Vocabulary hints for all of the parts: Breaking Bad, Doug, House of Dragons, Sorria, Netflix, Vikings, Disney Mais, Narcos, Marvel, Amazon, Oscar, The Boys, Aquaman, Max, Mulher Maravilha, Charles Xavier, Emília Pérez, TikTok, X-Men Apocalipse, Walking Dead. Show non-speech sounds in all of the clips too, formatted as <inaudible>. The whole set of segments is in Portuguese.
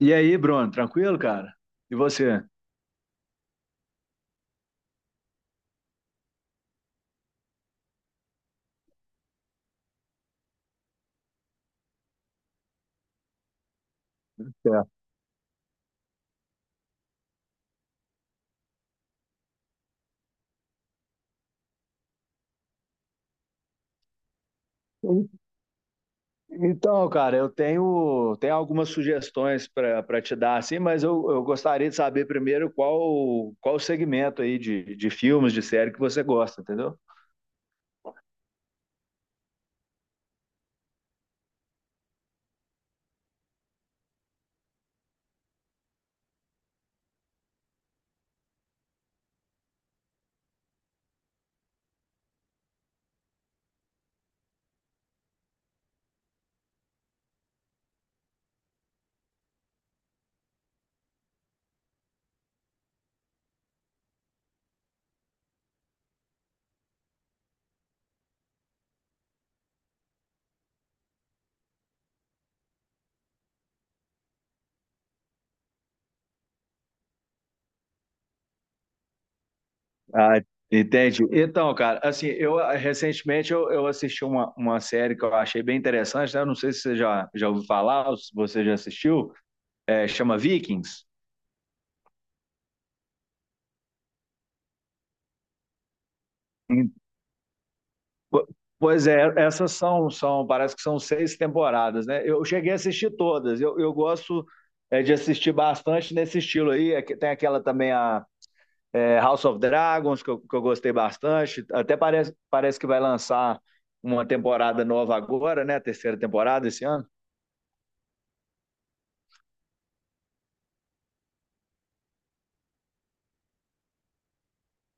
E aí, Bruno, tranquilo, cara? E você? Certo. Então, cara, eu tenho, tenho algumas sugestões para te dar, assim, mas eu gostaria de saber primeiro qual o segmento aí de filmes, de série que você gosta, entendeu? Ah, entende? Então, cara, assim, eu recentemente eu assisti uma série que eu achei bem interessante, né? Eu não sei se você já, já ouviu falar, ou se você já assistiu, é, chama Vikings. Po- Pois é, essas são, são, parece que são seis temporadas, né? Eu cheguei a assistir todas. Eu gosto é, de assistir bastante nesse estilo aí. É que tem aquela também, a é, House of Dragons, que eu gostei bastante. Até parece, parece que vai lançar uma temporada nova agora, né? A terceira temporada esse ano.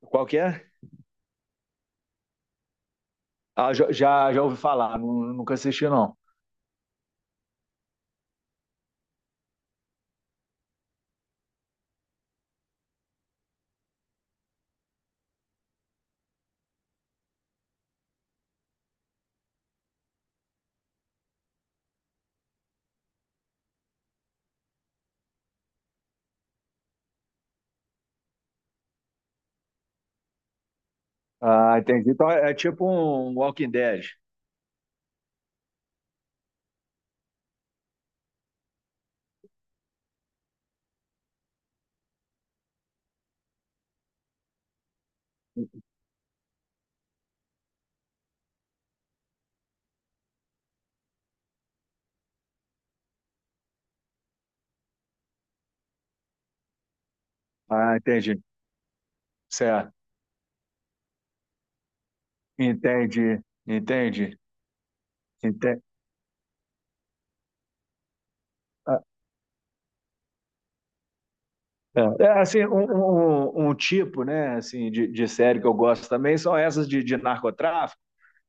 Qual que é? Ah, já, já já ouvi falar, nunca assisti, não. Ah, entendi. Então é é tipo um Walking Dead. Ah, entendi. Certo. Entendi. Entendi. Entendi. É, é, assim, um, um tipo, né, assim, de série que eu gosto também são essas de narcotráfico,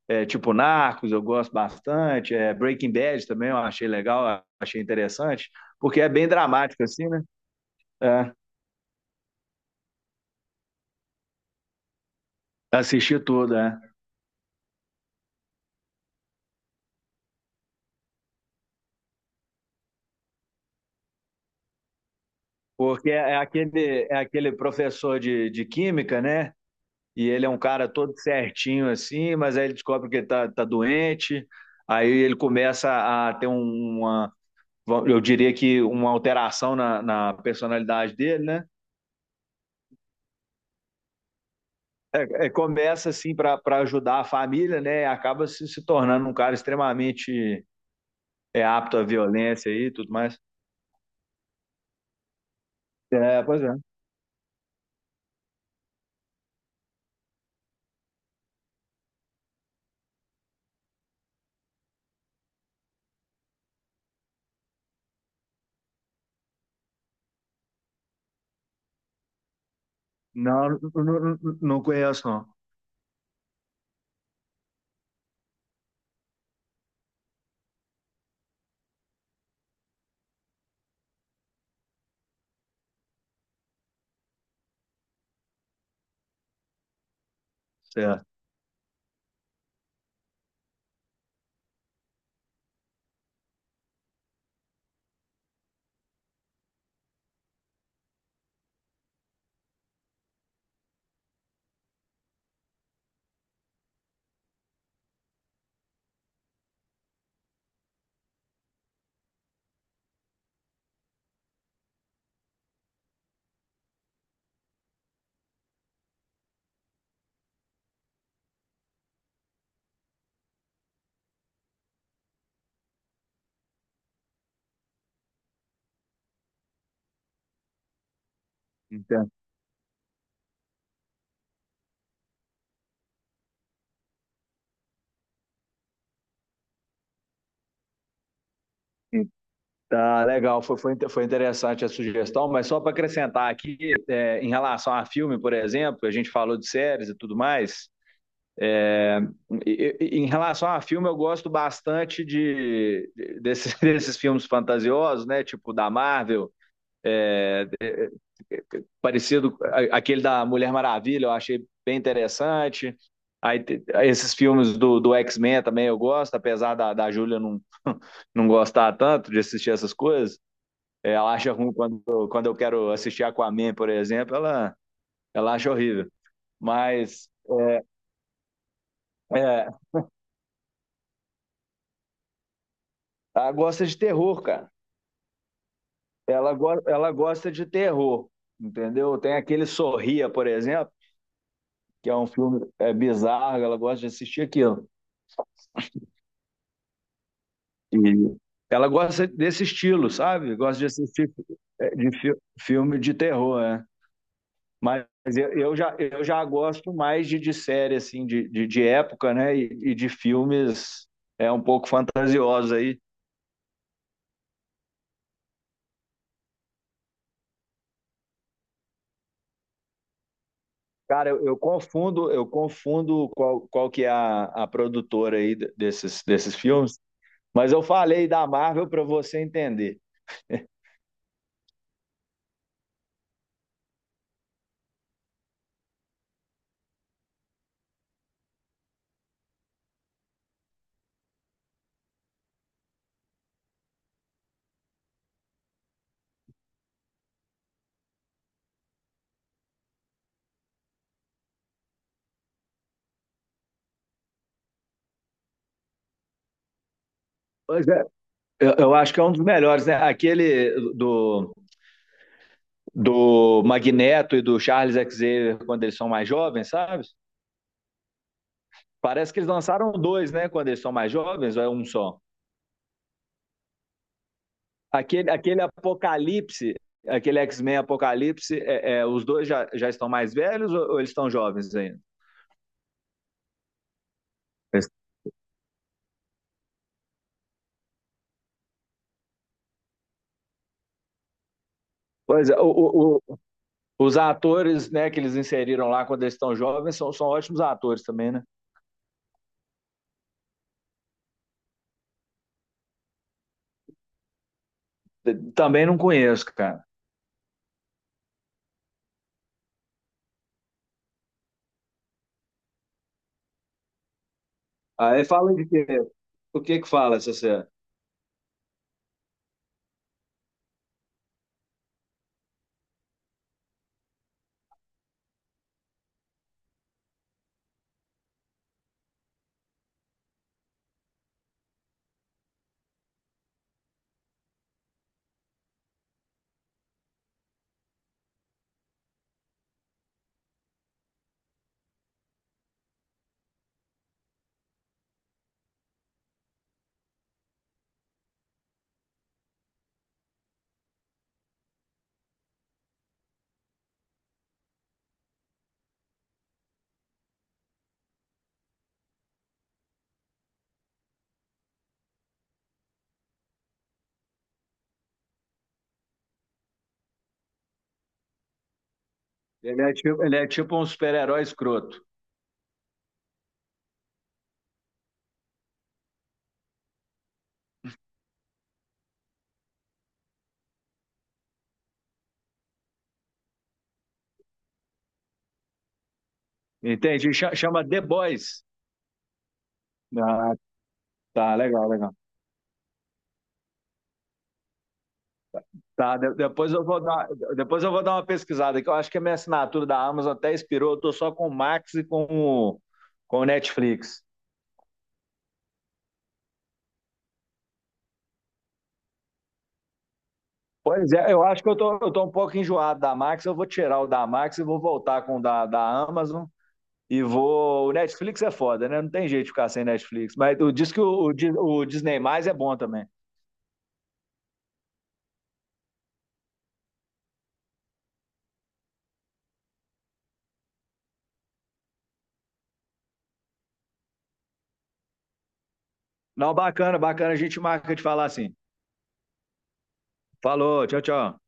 é, tipo Narcos, eu gosto bastante, é, Breaking Bad também eu achei legal, achei interessante, porque é bem dramático, assim, né? É, assisti tudo, né? Porque é aquele professor de química, né? E ele é um cara todo certinho, assim, mas aí ele descobre que ele tá, tá doente, aí ele começa a ter uma eu diria que uma alteração na, na personalidade dele, né? É, é, começa assim para ajudar a família, né? E acaba se, se tornando um cara extremamente é, apto à violência e tudo mais. É, pois é. Não, não, não, não conheço, não. Certo. Entendo. Tá legal, foi, foi, foi interessante a sugestão, mas só para acrescentar aqui, é, em relação a filme, por exemplo, a gente falou de séries e tudo mais, em relação a filme, eu gosto bastante de, desses, <laughs> desses filmes fantasiosos, né? Tipo da Marvel, é, parecido aquele da Mulher Maravilha, eu achei bem interessante. Aí, esses filmes do, do X-Men também eu gosto, apesar da, da Júlia não, <laughs> não gostar tanto de assistir essas coisas. É, ela acha ruim quando, quando eu quero assistir Aquaman, por exemplo, ela acha horrível. Mas é, ela gosta de terror, cara. Ela, ela gosta de terror, entendeu? Tem aquele Sorria, por exemplo, que é um filme é, bizarro, ela gosta de assistir aquilo. E ela gosta desse estilo, sabe? Gosta de assistir é, de filme de terror, né? Mas eu já, eu já gosto mais de série, assim, de época, né? E de filmes é, um pouco fantasiosos aí. Cara, eu confundo, eu confundo qual, qual que é a produtora aí desses, desses filmes. Mas eu falei da Marvel para você entender. Pois é, eu, acho que é um dos melhores, né? Aquele do, do Magneto e do Charles Xavier quando eles são mais jovens, sabe? Parece que eles lançaram dois, né? Quando eles são mais jovens, ou é um só? Aquele, aquele Apocalipse, aquele X-Men Apocalipse, é, é, os dois já, já estão mais velhos ou eles estão jovens ainda? Pois é, o, os atores né, que eles inseriram lá quando eles estão jovens são, são ótimos atores também, né? Também não conheço, cara. Aí fala de quê? O que que fala, Cessé? Ele é tipo um super-herói escroto. Entende? Chama The Boys. Ah, tá, legal, legal. Tá, depois eu vou dar, depois eu vou dar uma pesquisada aqui. Eu acho que a minha assinatura da Amazon até expirou. Eu tô só com o Max e com o Netflix. Pois é, eu acho que eu tô um pouco enjoado da Max. Eu vou tirar o da Max e vou voltar com o da, da Amazon. E vou. O Netflix é foda, né? Não tem jeito de ficar sem Netflix. Mas o- diz que o o Disney Mais é bom também. Não, bacana, bacana. A gente marca de falar assim. Falou, tchau, tchau.